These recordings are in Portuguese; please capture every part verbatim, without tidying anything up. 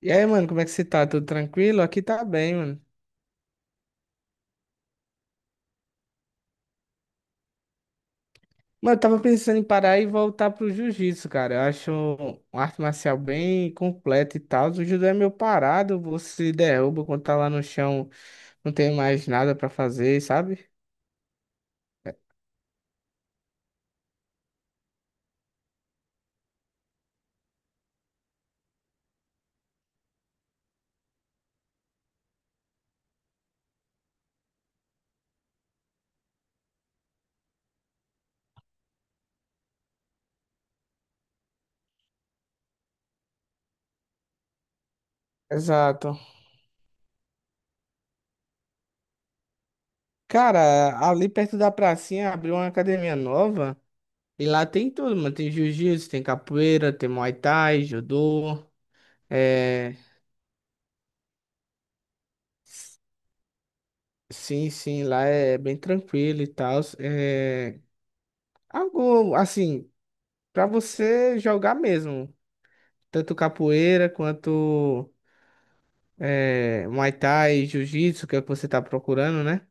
E aí, mano, como é que você tá? Tudo tranquilo? Aqui tá bem, mano. Mano, eu tava pensando em parar e voltar pro jiu-jitsu, cara. Eu acho uma arte marcial bem completa e tal. O judô é meio parado, você derruba quando tá lá no chão, não tem mais nada pra fazer, sabe? Exato. Cara, ali perto da pracinha abriu uma academia nova e lá tem tudo, mano. Tem jiu-jitsu, tem capoeira, tem muay thai, judô. É... Sim, sim, lá é bem tranquilo e tal. É, Algo assim, para você jogar mesmo, tanto capoeira quanto eh, Muay Thai, Jiu-Jitsu, que é o que você tá procurando, né?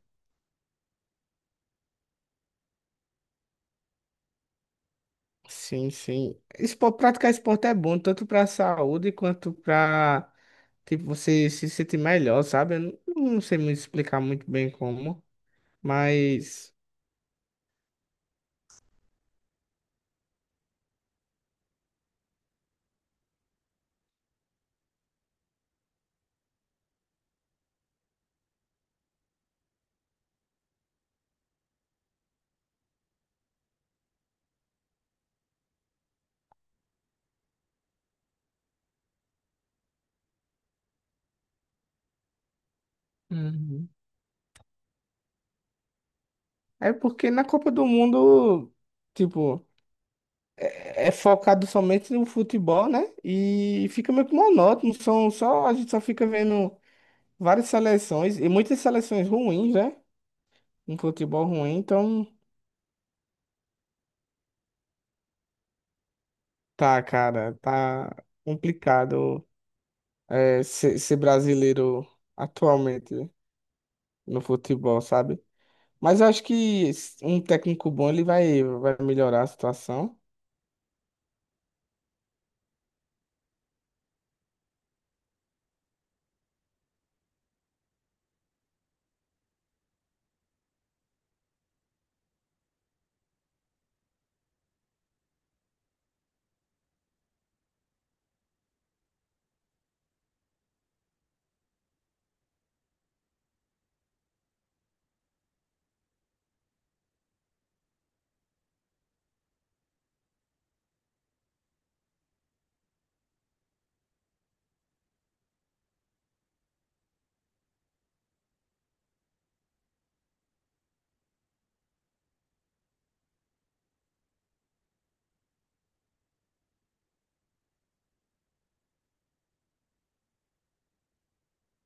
Sim, sim. Espo- praticar esporte é bom, tanto para saúde quanto para tipo, você se sentir melhor, sabe? Eu não não sei muito explicar muito bem como, mas. Uhum. É porque na Copa do Mundo, tipo, é é focado somente no futebol, né? E fica meio que monótono, são só, a gente só fica vendo várias seleções e muitas seleções ruins, né? Um futebol ruim, então tá, cara, tá complicado. É, ser, ser brasileiro atualmente no futebol, sabe? Mas eu acho que um técnico bom ele vai, vai melhorar a situação.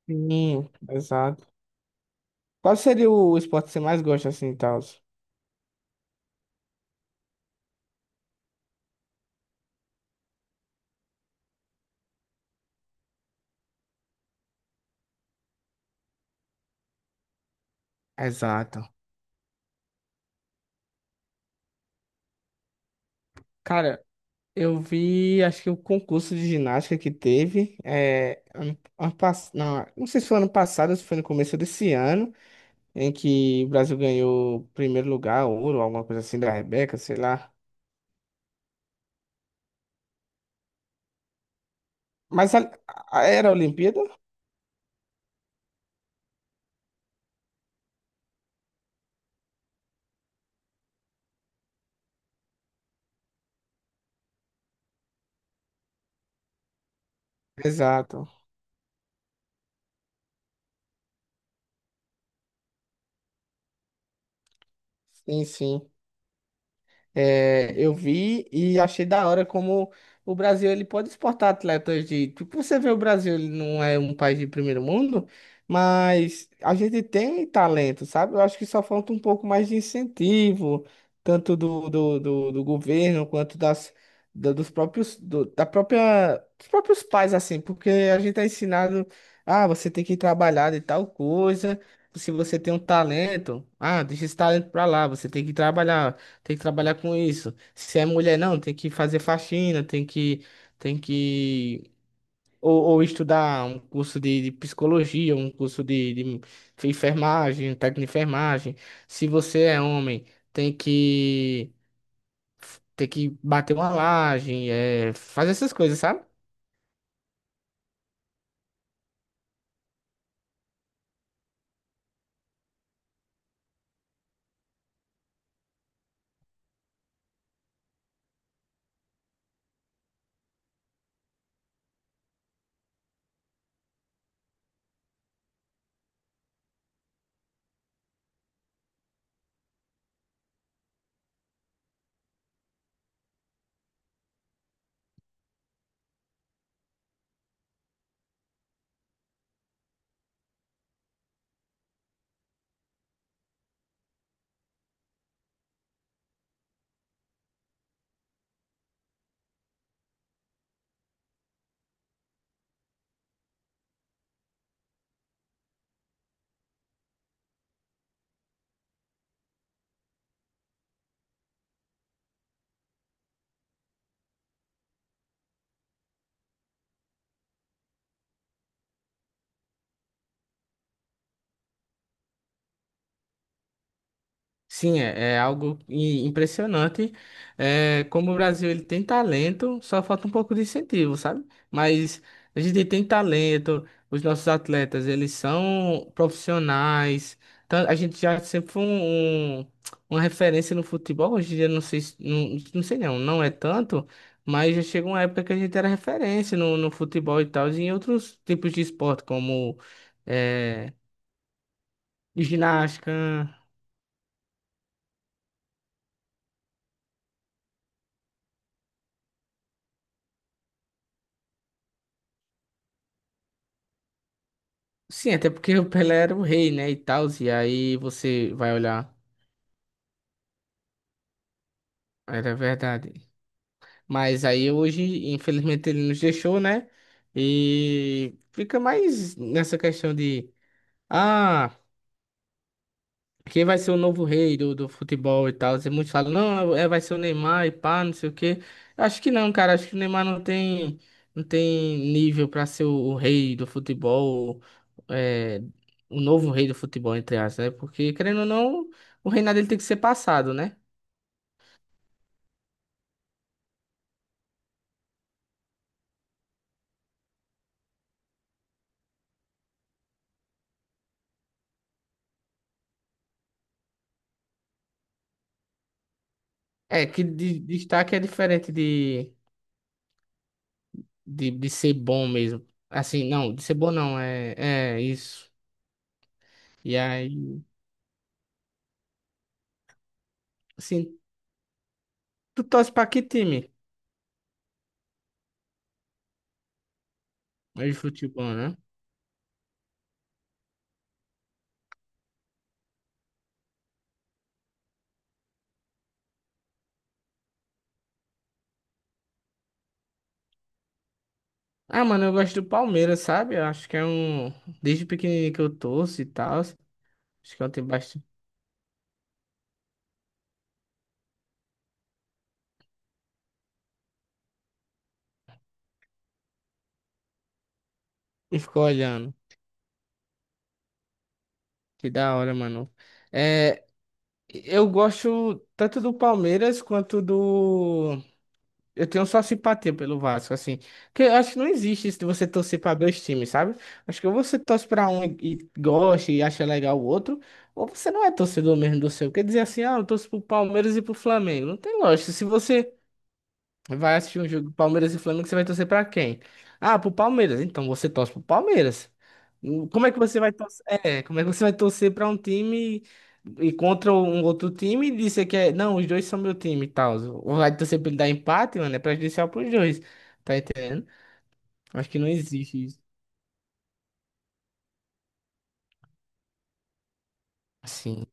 Sim, exato. Qual seria o esporte que você mais gosta assim, e tal? Exato. Cara, eu vi, acho que o concurso de ginástica que teve, é, ano, ano, pass- não, não sei se foi ano passado, ou se foi no começo desse ano, em que o Brasil ganhou primeiro lugar, ouro, alguma coisa assim da Rebeca, sei lá. Mas a- a- era a Olimpíada? Exato. Sim, sim. É, eu vi e achei da hora como o Brasil ele pode exportar atletas de. Tipo, você vê o Brasil, ele não é um país de primeiro mundo, mas a gente tem talento, sabe? Eu acho que só falta um pouco mais de incentivo, tanto do, do, do, do governo quanto das, da- dos próprios, do- da própria, dos próprios pais, assim, porque a gente é ensinado, ah, você tem que trabalhar de tal coisa. Se você tem um talento, ah, deixa esse talento pra lá, você tem que trabalhar. Tem que trabalhar com isso. Se é mulher, não, tem que fazer faxina, tem que, tem que ou, ou estudar um curso de, de psicologia, um curso de, de enfermagem, um técnico de enfermagem. Se você é homem, tem que, tem que bater uma laje, é, fazer essas coisas, sabe? Sim, é, é algo i- impressionante. É, como o Brasil ele tem talento, só falta um pouco de incentivo, sabe? Mas a gente tem talento, os nossos atletas eles são profissionais. Então, a gente já sempre foi um, um- uma referência no futebol. Hoje em dia não sei, se- não, não sei não, não é tanto, mas já chegou uma época que a gente era referência no, no futebol e tal, e em outros tipos de esporte, como é, ginástica. Sim, até porque o Pelé era o rei, né, e tal, e aí você vai olhar, era verdade. Mas aí hoje, infelizmente, ele nos deixou, né, e fica mais nessa questão de, ah, quem vai ser o novo rei do, do futebol e tal? E muitos falam, não, é, é, vai ser o Neymar e pá, não sei o quê. Acho que não, cara. Acho que o Neymar não tem, não tem nível pra ser o, o rei do futebol, é, o novo rei do futebol, entre aspas, né? Porque, querendo ou não, o reinado dele tem que ser passado, né? É, que de- destaque é diferente de, de, de ser bom mesmo. Assim, não, de ser bom não, é, é isso. E aí, assim, tu torce pra que time? É de futebol, né? Ah, mano, eu gosto do Palmeiras, sabe? Eu acho que é um. Desde pequenininho que eu torço e tal. Acho que eu tenho bastante. E ficou olhando. Que da hora, mano. É, eu gosto tanto do Palmeiras quanto do. Eu tenho só simpatia pelo Vasco, assim. Porque eu acho que não existe isso de você torcer pra dois times, sabe? Acho que ou você torce pra um e e gosta e acha legal o outro, ou você não é torcedor mesmo do seu. Quer dizer assim, ah, eu torço pro Palmeiras e pro Flamengo. Não tem lógica. Se você vai assistir um jogo Palmeiras e Flamengo, você vai torcer pra quem? Ah, pro Palmeiras. Então você torce pro Palmeiras. Hum, Como é que você vai torcer? É, como é que você vai torcer pra um time e contra um outro time e dizer que é, não, os dois são meu time e tal. Ou vai torcer pra ele dar empate, mano, é prejudicial pros dois. Tá entendendo? Acho que não existe isso. Assim.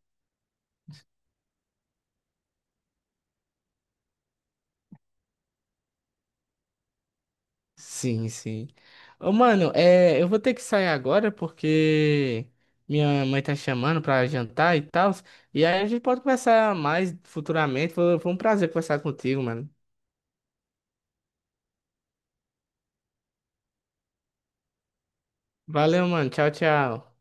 Sim, sim. Ô, mano, é, eu vou ter que sair agora porque minha mãe tá chamando pra jantar e tal. E aí a gente pode conversar mais futuramente. Foi, foi um prazer conversar contigo, mano. Valeu, mano. Tchau, tchau.